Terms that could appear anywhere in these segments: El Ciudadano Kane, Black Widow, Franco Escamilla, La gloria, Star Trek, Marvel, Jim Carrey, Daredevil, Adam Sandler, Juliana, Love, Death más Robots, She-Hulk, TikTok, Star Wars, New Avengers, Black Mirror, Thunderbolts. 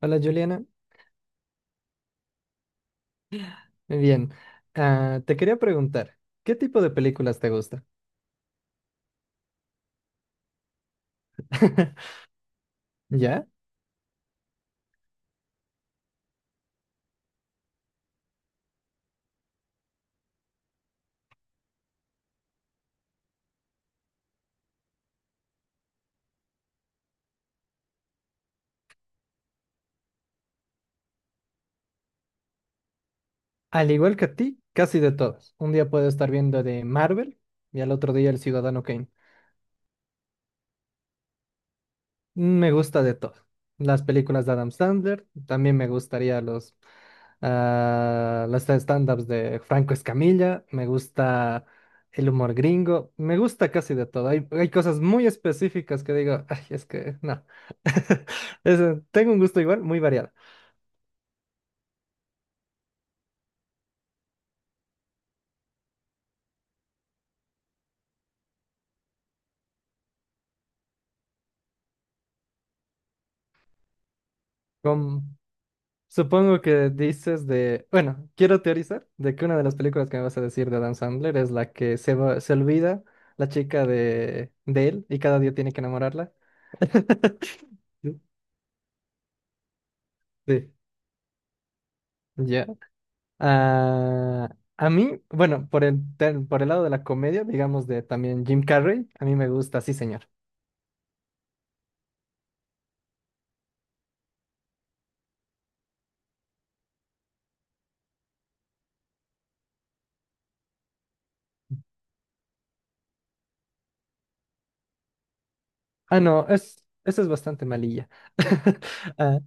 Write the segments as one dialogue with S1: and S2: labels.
S1: Hola Juliana, muy bien. Ah, te quería preguntar, ¿qué tipo de películas te gusta? ¿Ya? Al igual que a ti, casi de todas. Un día puedo estar viendo de Marvel y al otro día El Ciudadano Kane. Me gusta de todo. Las películas de Adam Sandler, también me gustaría las stand-ups de Franco Escamilla, me gusta el humor gringo, me gusta casi de todo. Hay cosas muy específicas que digo, ay, es que no. Tengo un gusto igual, muy variado. Com- Supongo que dices bueno, quiero teorizar de que una de las películas que me vas a decir de Adam Sandler es la que se olvida la chica de él y cada día tiene que enamorarla. Sí, ya. Ah, a mí, bueno, por el lado de la comedia, digamos de también Jim Carrey, a mí me gusta, sí, señor. Ah, no, eso es bastante malilla. Ah,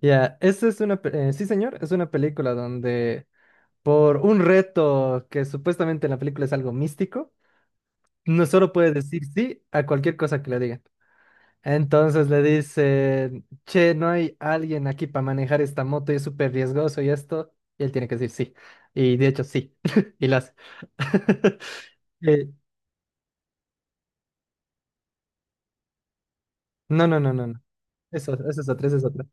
S1: ya, esa es sí, señor, es una película donde por un reto que supuestamente en la película es algo místico, no solo puede decir sí a cualquier cosa que le digan. Entonces le dicen, che, no hay alguien aquí para manejar esta moto y es súper riesgoso y esto, y él tiene que decir sí. Y de hecho sí, y lo hace. Eh, no, no, no, no, no. Eso es otra, eso es otra.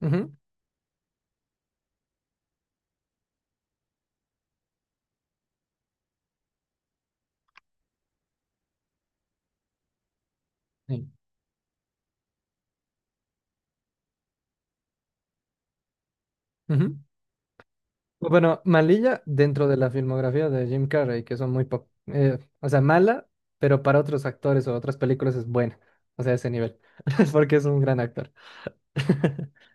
S1: Ujú, sí. Ujú. Bueno, malilla dentro de la filmografía de Jim Carrey, que son o sea, mala, pero para otros actores o otras películas es buena. O sea, ese nivel. Porque es un gran actor.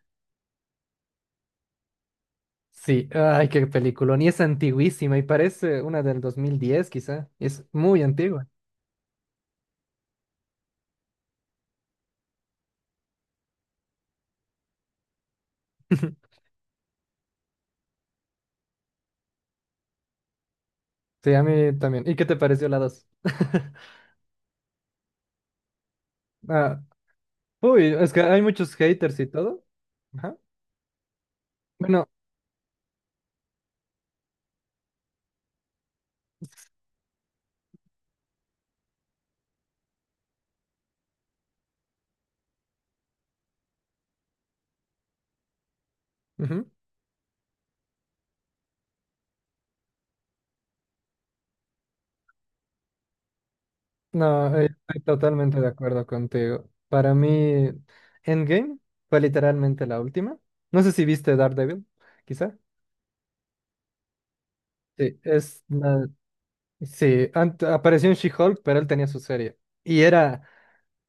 S1: Sí, ay, qué película. Ni es antiguísima y parece una del 2010 quizá. Es muy antigua. Sí, a mí también. ¿Y qué te pareció la 2? Ah, uy, es que hay muchos haters y todo. Ajá. Bueno, ujú. No, estoy totalmente de acuerdo contigo. Para mí, Endgame fue literalmente la última. No sé si viste Daredevil, quizá. Sí, apareció en She-Hulk, pero él tenía su serie. Y era,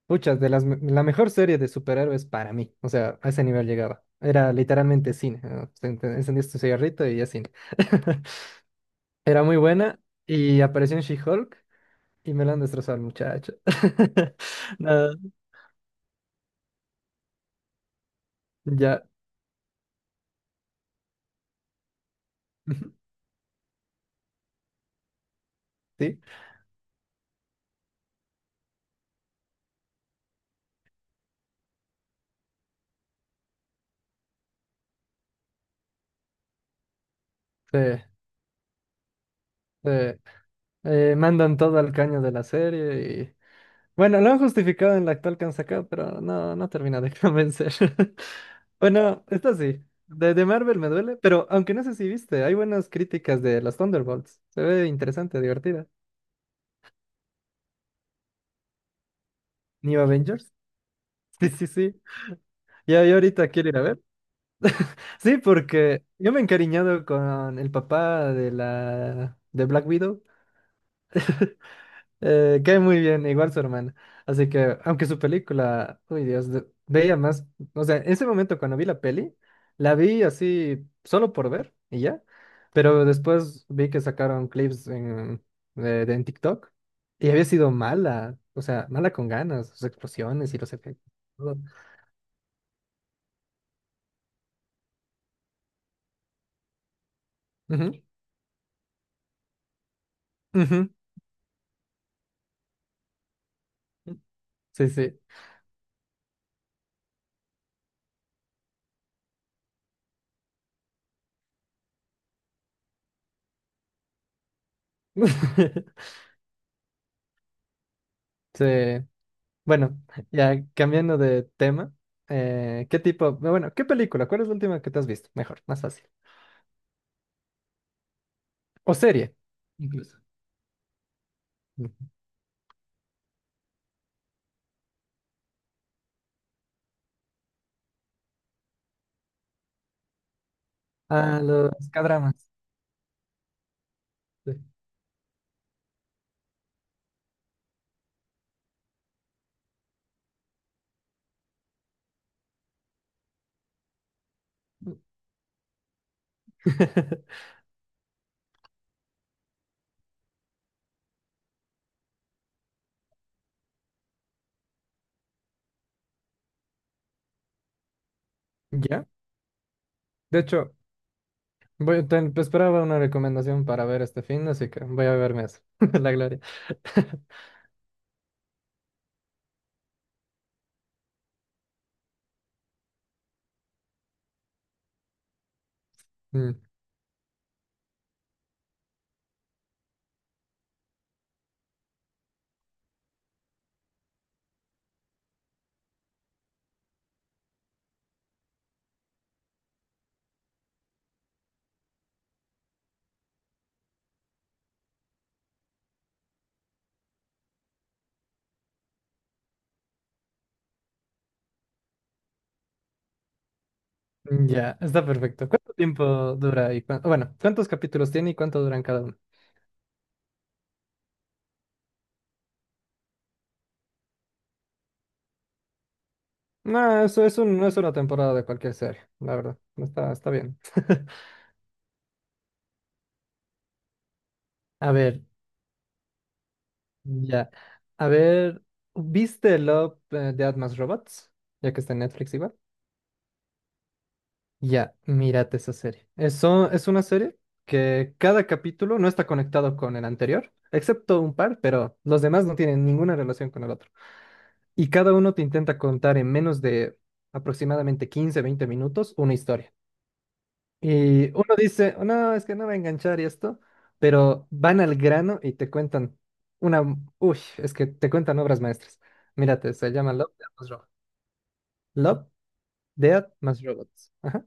S1: pucha, la mejor serie de superhéroes para mí. O sea, a ese nivel llegaba. Era literalmente cine, ¿no? Te encendías tu cigarrito y ya cine. Era muy buena y apareció en She-Hulk y me la han destrozado al muchacho. No, ya. ¿Sí? Sí, sí. Mandan todo al caño de la serie y... Bueno, lo han justificado en la actual que han sacado, pero no termina de convencer. Bueno, esto sí. De Marvel me duele, pero aunque no sé si viste, hay buenas críticas de las Thunderbolts. Se ve interesante, divertida. New Avengers. Sí, sí, sí. Ya, yo ahorita quiero ir a ver. Sí, porque yo me he encariñado con el papá de la de Black Widow. Cae muy bien, igual su hermana. Así que, aunque su película, uy Dios, veía más, o sea, en ese momento cuando vi la peli, la vi así solo por ver y ya, pero después vi que sacaron clips en TikTok y había sido mala, o sea, mala con ganas, sus explosiones y los efectos, todo. Ujú, ujú, sí, sí. Sí. Bueno, ya cambiando de tema, ¿qué tipo, bueno, qué película? ¿Cuál es la última que te has visto? Mejor, más fácil. ¿O serie? Incluso. Ujú. Ah, los cadramas. Sí. Ya. De hecho, te esperaba una recomendación para ver este fin, así que voy a verme eso. La gloria. Mm, Ya, está perfecto. ¿Cuánto tiempo dura y bueno, cuántos capítulos tiene y cuánto duran cada uno? No, eso es un, no es una temporada de cualquier serie, la verdad. Está bien. A ver. Ya. A ver, ¿viste Love, Death Más Robots? Ya que está en Netflix igual. Ya, mírate esa serie. Eso es una serie que cada capítulo no está conectado con el anterior, excepto un par, pero los demás no tienen ninguna relación con el otro. Y cada uno te intenta contar en menos de aproximadamente 15 20 minutos una historia. Y uno dice, no, es que no va a enganchar y esto, pero van al grano y te cuentan una, uy, es que te cuentan obras maestras. Mírate, se llama Love, Death más Robots. Love, Death más Robots. Ajá.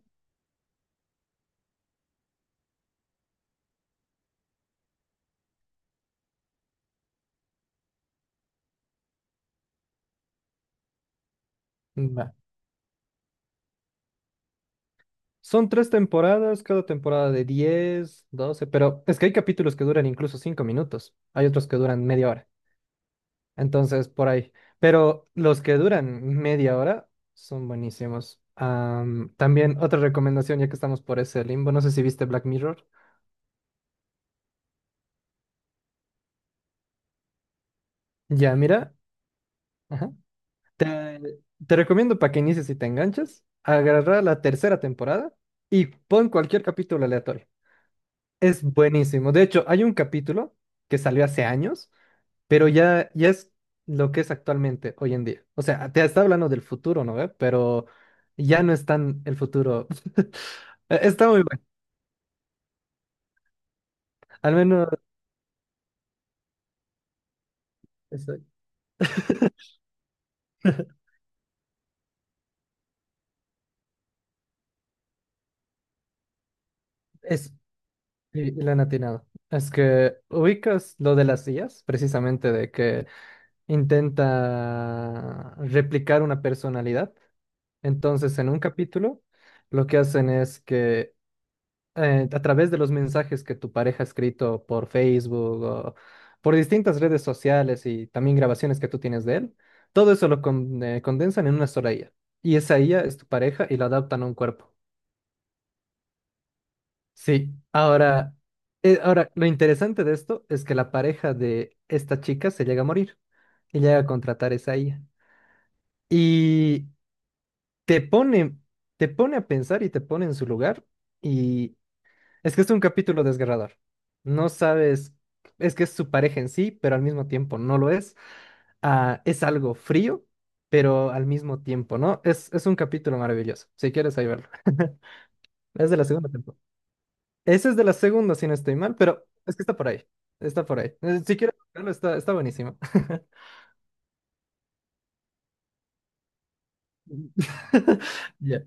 S1: Va. Son tres temporadas, cada temporada de 10 12, pero es que hay capítulos que duran incluso 5 minutos, hay otros que duran media hora, entonces por ahí. Pero los que duran media hora son buenísimos. También otra recomendación, ya que estamos por ese limbo, no sé si viste Black Mirror. Ya, mira, ajá. Te, te recomiendo para que inicies y te enganches, agarrar la tercera temporada y pon cualquier capítulo aleatorio. Es buenísimo. De hecho, hay un capítulo que salió hace años, pero ya es lo que es actualmente, hoy en día. O sea, te está hablando del futuro, ¿no ve? Pero ya no es tan el futuro. Está muy bueno, al menos eso. Es, y le han atinado. Es que ubicas lo de las sillas, precisamente de que intenta replicar una personalidad. Entonces, en un capítulo, lo que hacen es que a través de los mensajes que tu pareja ha escrito por Facebook o por distintas redes sociales y también grabaciones que tú tienes de él, todo eso lo condensan en una sola IA. Y esa IA es tu pareja y la adaptan a un cuerpo. Sí, ahora lo interesante de esto es que la pareja de esta chica se llega a morir y llega a contratar esa IA. Y te pone, te pone a pensar y te pone en su lugar. Y es que es un capítulo desgarrador. No sabes, es que es su pareja en sí, pero al mismo tiempo no lo es. Ah, es algo frío, pero al mismo tiempo, ¿no? Es un capítulo maravilloso. Si quieres, ahí verlo. Es de la segunda temporada. Ese es de la segunda, si no estoy mal, pero es que está por ahí. Está por ahí. Si quieres verlo, está buenísimo. Ya.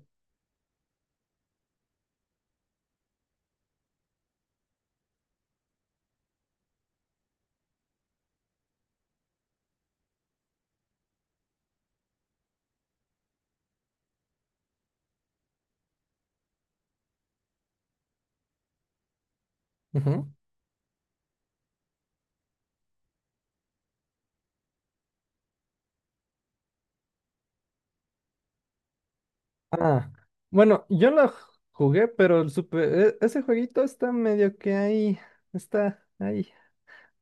S1: Ujú. Ah, bueno, yo lo jugué, pero ese jueguito está medio que ahí, está ahí.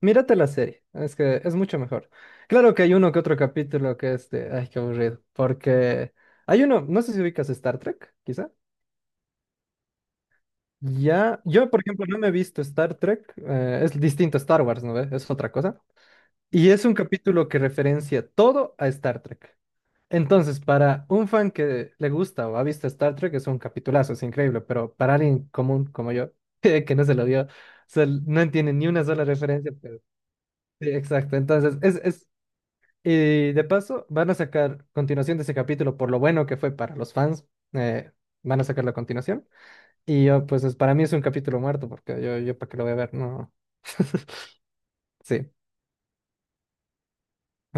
S1: Mírate la serie, es que es mucho mejor. Claro que hay uno que otro capítulo que es de, ay, qué aburrido, porque hay uno, no sé si ubicas Star Trek, quizá. Ya, yo por ejemplo no me he visto Star Trek, es distinto a Star Wars, ¿no ve? Es otra cosa. Y es un capítulo que referencia todo a Star Trek. Entonces, para un fan que le gusta o ha visto Star Trek es un capitulazo, es increíble, pero para alguien común como yo, que no se lo vio, o sea, no entiende ni una sola referencia, pero sí, exacto. Entonces, y de paso, van a sacar continuación de ese capítulo por lo bueno que fue para los fans, eh, van a sacar la continuación. Y yo, pues, para mí es un capítulo muerto, porque yo para qué lo voy a ver, no. Sí,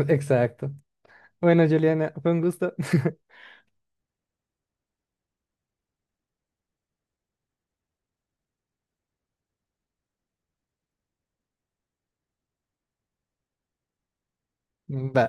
S1: exacto. Bueno, Juliana, fue un gusto. Va.